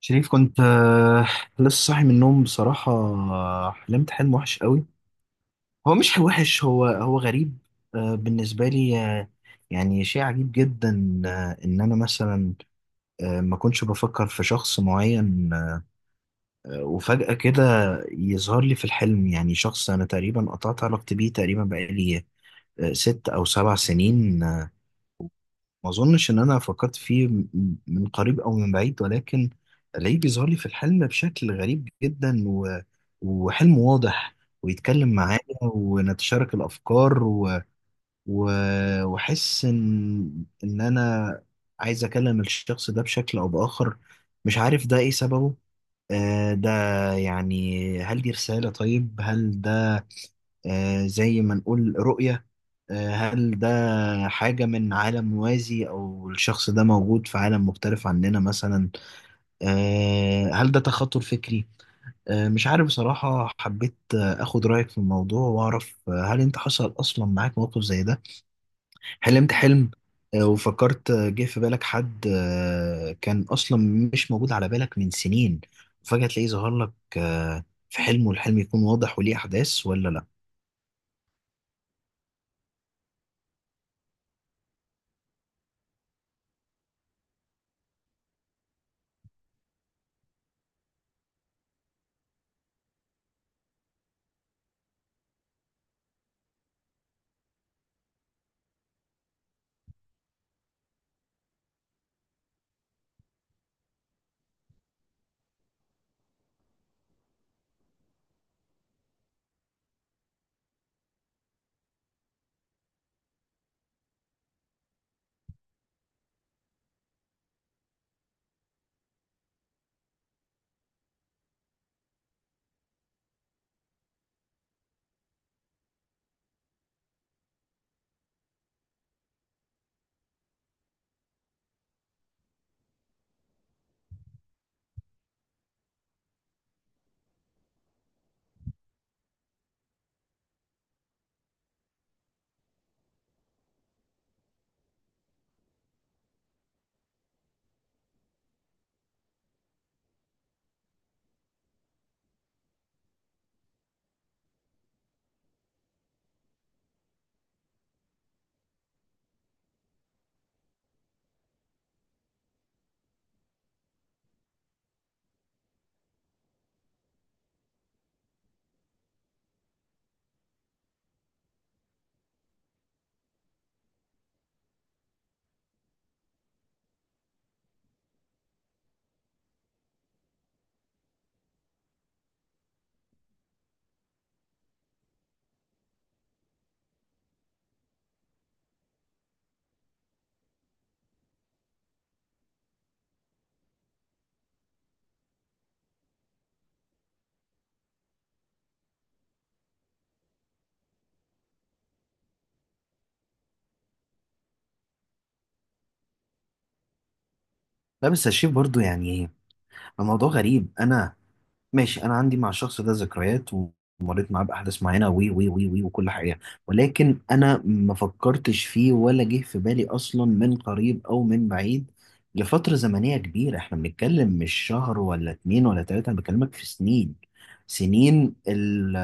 شريف، كنت لسه صاحي من النوم بصراحة. حلمت حلم وحش قوي. هو مش وحش، هو غريب. بالنسبة لي، يعني شيء عجيب جدا. إن أنا مثلا ما كنتش بفكر في شخص معين، وفجأة كده يظهر لي في الحلم يعني شخص أنا تقريبا قطعت علاقتي بيه، تقريبا بقالي 6 أو 7 سنين. ما اظنش ان انا فكرت فيه من قريب او من بعيد، ولكن الاقيه بيظهر لي في الحلم بشكل غريب جدا وحلم واضح، ويتكلم معايا ونتشارك الافكار و... واحس ان انا عايز اكلم الشخص ده بشكل او باخر. مش عارف ده ايه سببه. ده يعني هل دي رسالة؟ طيب هل ده زي ما نقول رؤية؟ هل ده حاجة من عالم موازي، أو الشخص ده موجود في عالم مختلف عننا مثلا؟ هل ده تخاطر فكري؟ مش عارف بصراحة. حبيت أخد رأيك في الموضوع وأعرف، هل أنت حصل أصلا معاك موقف زي ده؟ حلمت حلم، وفكرت. جه في بالك حد كان أصلا مش موجود على بالك من سنين، وفجأة تلاقيه ظهر لك في حلم، والحلم يكون واضح وليه أحداث، ولا لأ؟ لا، بس الشيف، برضو يعني الموضوع غريب. انا ماشي، انا عندي مع الشخص ده ذكريات ومريت معاه باحداث معينه وي وي وي وي وكل حاجه، ولكن انا ما فكرتش فيه ولا جه في بالي اصلا من قريب او من بعيد لفتره زمنيه كبيره. احنا بنتكلم مش شهر ولا اتنين ولا تلاته، انا بكلمك في سنين. سنين ال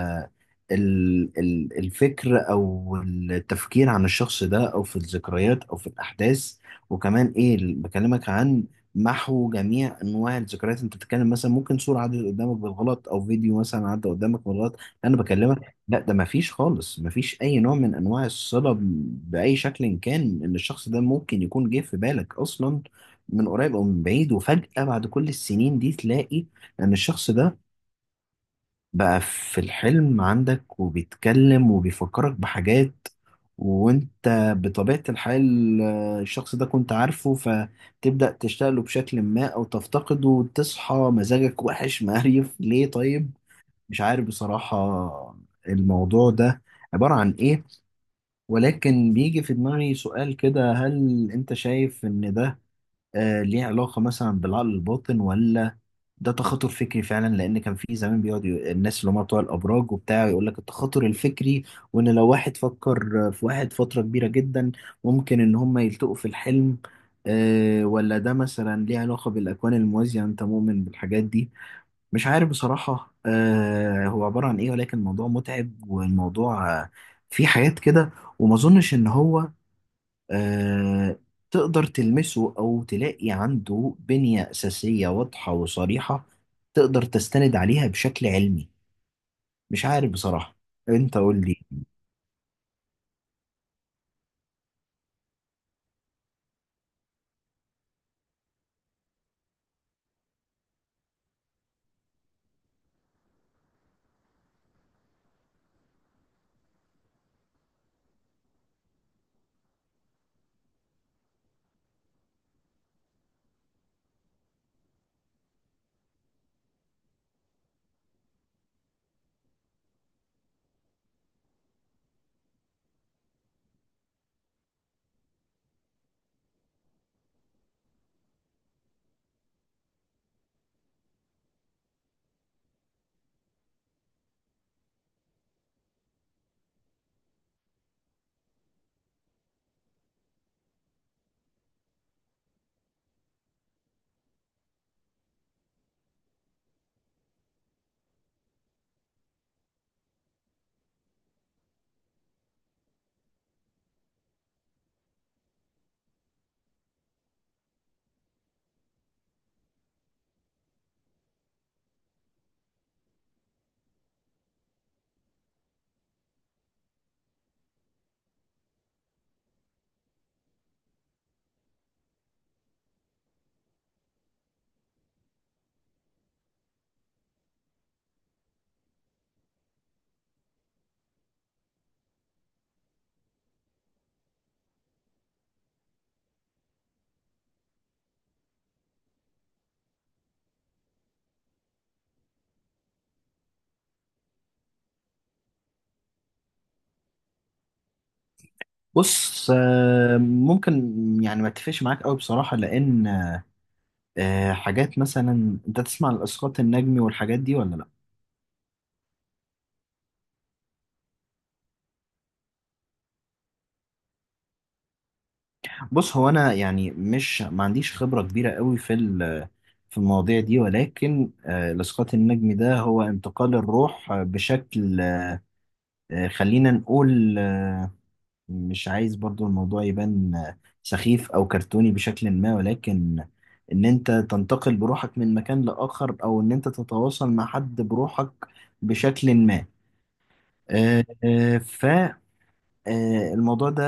ال ال الفكر او التفكير عن الشخص ده او في الذكريات او في الاحداث. وكمان ايه؟ بكلمك عن محو جميع انواع الذكريات. انت بتتكلم مثلا ممكن صوره عدت قدامك بالغلط، او فيديو مثلا عدى قدامك بالغلط، انا بكلمك لا، ده ما فيش خالص، ما فيش اي نوع من انواع الصله باي شكل إن كان ان الشخص ده ممكن يكون جه في بالك اصلا من قريب او من بعيد. وفجاه بعد كل السنين دي تلاقي ان الشخص ده بقى في الحلم عندك وبيتكلم وبيفكرك بحاجات. وانت بطبيعة الحال الشخص ده كنت عارفه، فتبدأ تشتغله بشكل ما او تفتقده، وتصحى مزاجك وحش مقريف. ليه؟ طيب مش عارف بصراحة الموضوع ده عبارة عن ايه، ولكن بيجي في دماغي سؤال كده: هل انت شايف ان ده ليه علاقة مثلا بالعقل الباطن، ولا ده تخاطر فكري فعلا؟ لان كان في زمان بيقعد الناس اللي هم بتوع الابراج وبتاع يقول لك التخاطر الفكري، وان لو واحد فكر في واحد فتره كبيره جدا ممكن ان هم يلتقوا في الحلم. ولا ده مثلا ليه علاقه بالاكوان الموازيه؟ انت مؤمن بالحاجات دي؟ مش عارف بصراحه هو عباره عن ايه. ولكن الموضوع متعب، والموضوع فيه حاجات كده. وما اظنش ان هو آه، تقدر تلمسه أو تلاقي عنده بنية أساسية واضحة وصريحة تقدر تستند عليها بشكل علمي. مش عارف بصراحة. أنت قول لي. بص ممكن يعني ما اتفقش معاك قوي بصراحة. لأن حاجات مثلا أنت تسمع عن الإسقاط النجمي والحاجات دي، ولا لأ؟ بص هو أنا يعني مش ما عنديش خبرة كبيرة قوي في في المواضيع دي. ولكن الإسقاط النجمي ده هو انتقال الروح بشكل خلينا نقول مش عايز برضو الموضوع يبان سخيف أو كرتوني بشكل ما. ولكن إن أنت تنتقل بروحك من مكان لآخر، أو إن أنت تتواصل مع حد بروحك بشكل ما. آه، آه، الموضوع ده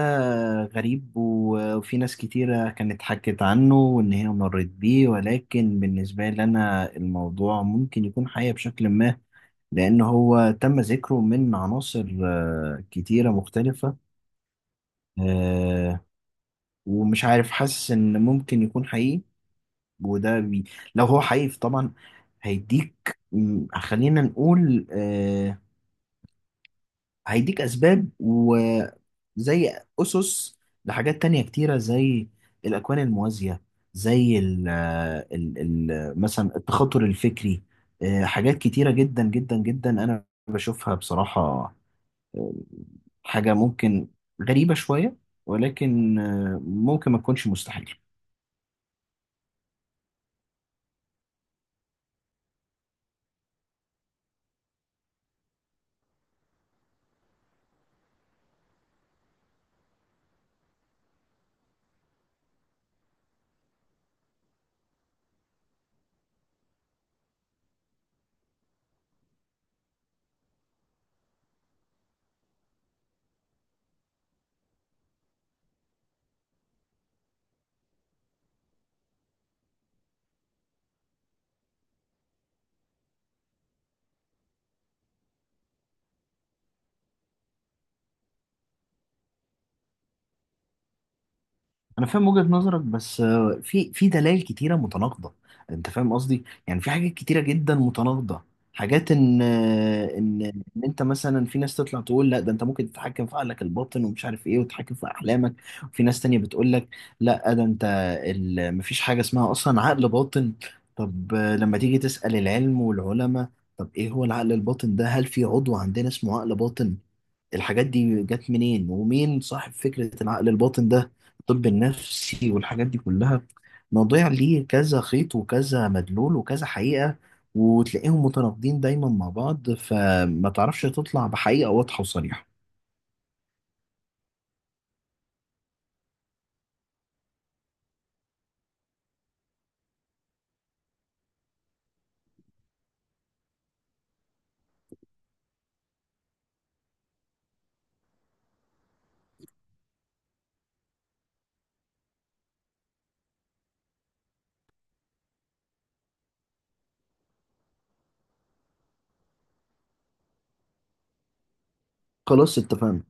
غريب، وفي ناس كتيرة كانت حكت عنه وإن هي مرت بيه. ولكن بالنسبة لي أنا الموضوع ممكن يكون حقيقي بشكل ما، لأن هو تم ذكره من عناصر كتيرة مختلفة. آه، ومش عارف، حاسس إن ممكن يكون حقيقي. وده بي لو هو حقيقي طبعا هيديك خلينا نقول هيديك أسباب زي أسس لحاجات تانية كتيرة، زي الأكوان الموازية، زي ال آه، ال ال مثلا التخاطر الفكري. حاجات كتيرة جدا جدا جدا أنا بشوفها بصراحة. آه، حاجة ممكن غريبة شوية، ولكن ممكن ما تكونش مستحيل. انا فاهم وجهة نظرك، بس في دلائل كتيره متناقضه. انت فاهم قصدي؟ يعني في حاجات كتيره جدا متناقضه. حاجات ان آه، ان ان انت مثلا، في ناس تطلع تقول لا ده انت ممكن تتحكم في عقلك الباطن ومش عارف ايه، وتتحكم في احلامك. وفي ناس تانية بتقول لك لا، ده انت مفيش حاجه اسمها اصلا عقل باطن. طب لما تيجي تسأل العلم والعلماء، طب ايه هو العقل الباطن ده؟ هل في عضو عندنا اسمه عقل باطن؟ الحاجات دي جت منين؟ ومين صاحب فكرة العقل الباطن ده؟ الطب النفسي والحاجات دي كلها مواضيع ليه كذا خيط وكذا مدلول وكذا حقيقة، وتلاقيهم متناقضين دايما مع بعض، فما تعرفش تطلع بحقيقة واضحة وصريحة. خلاص اتفقنا.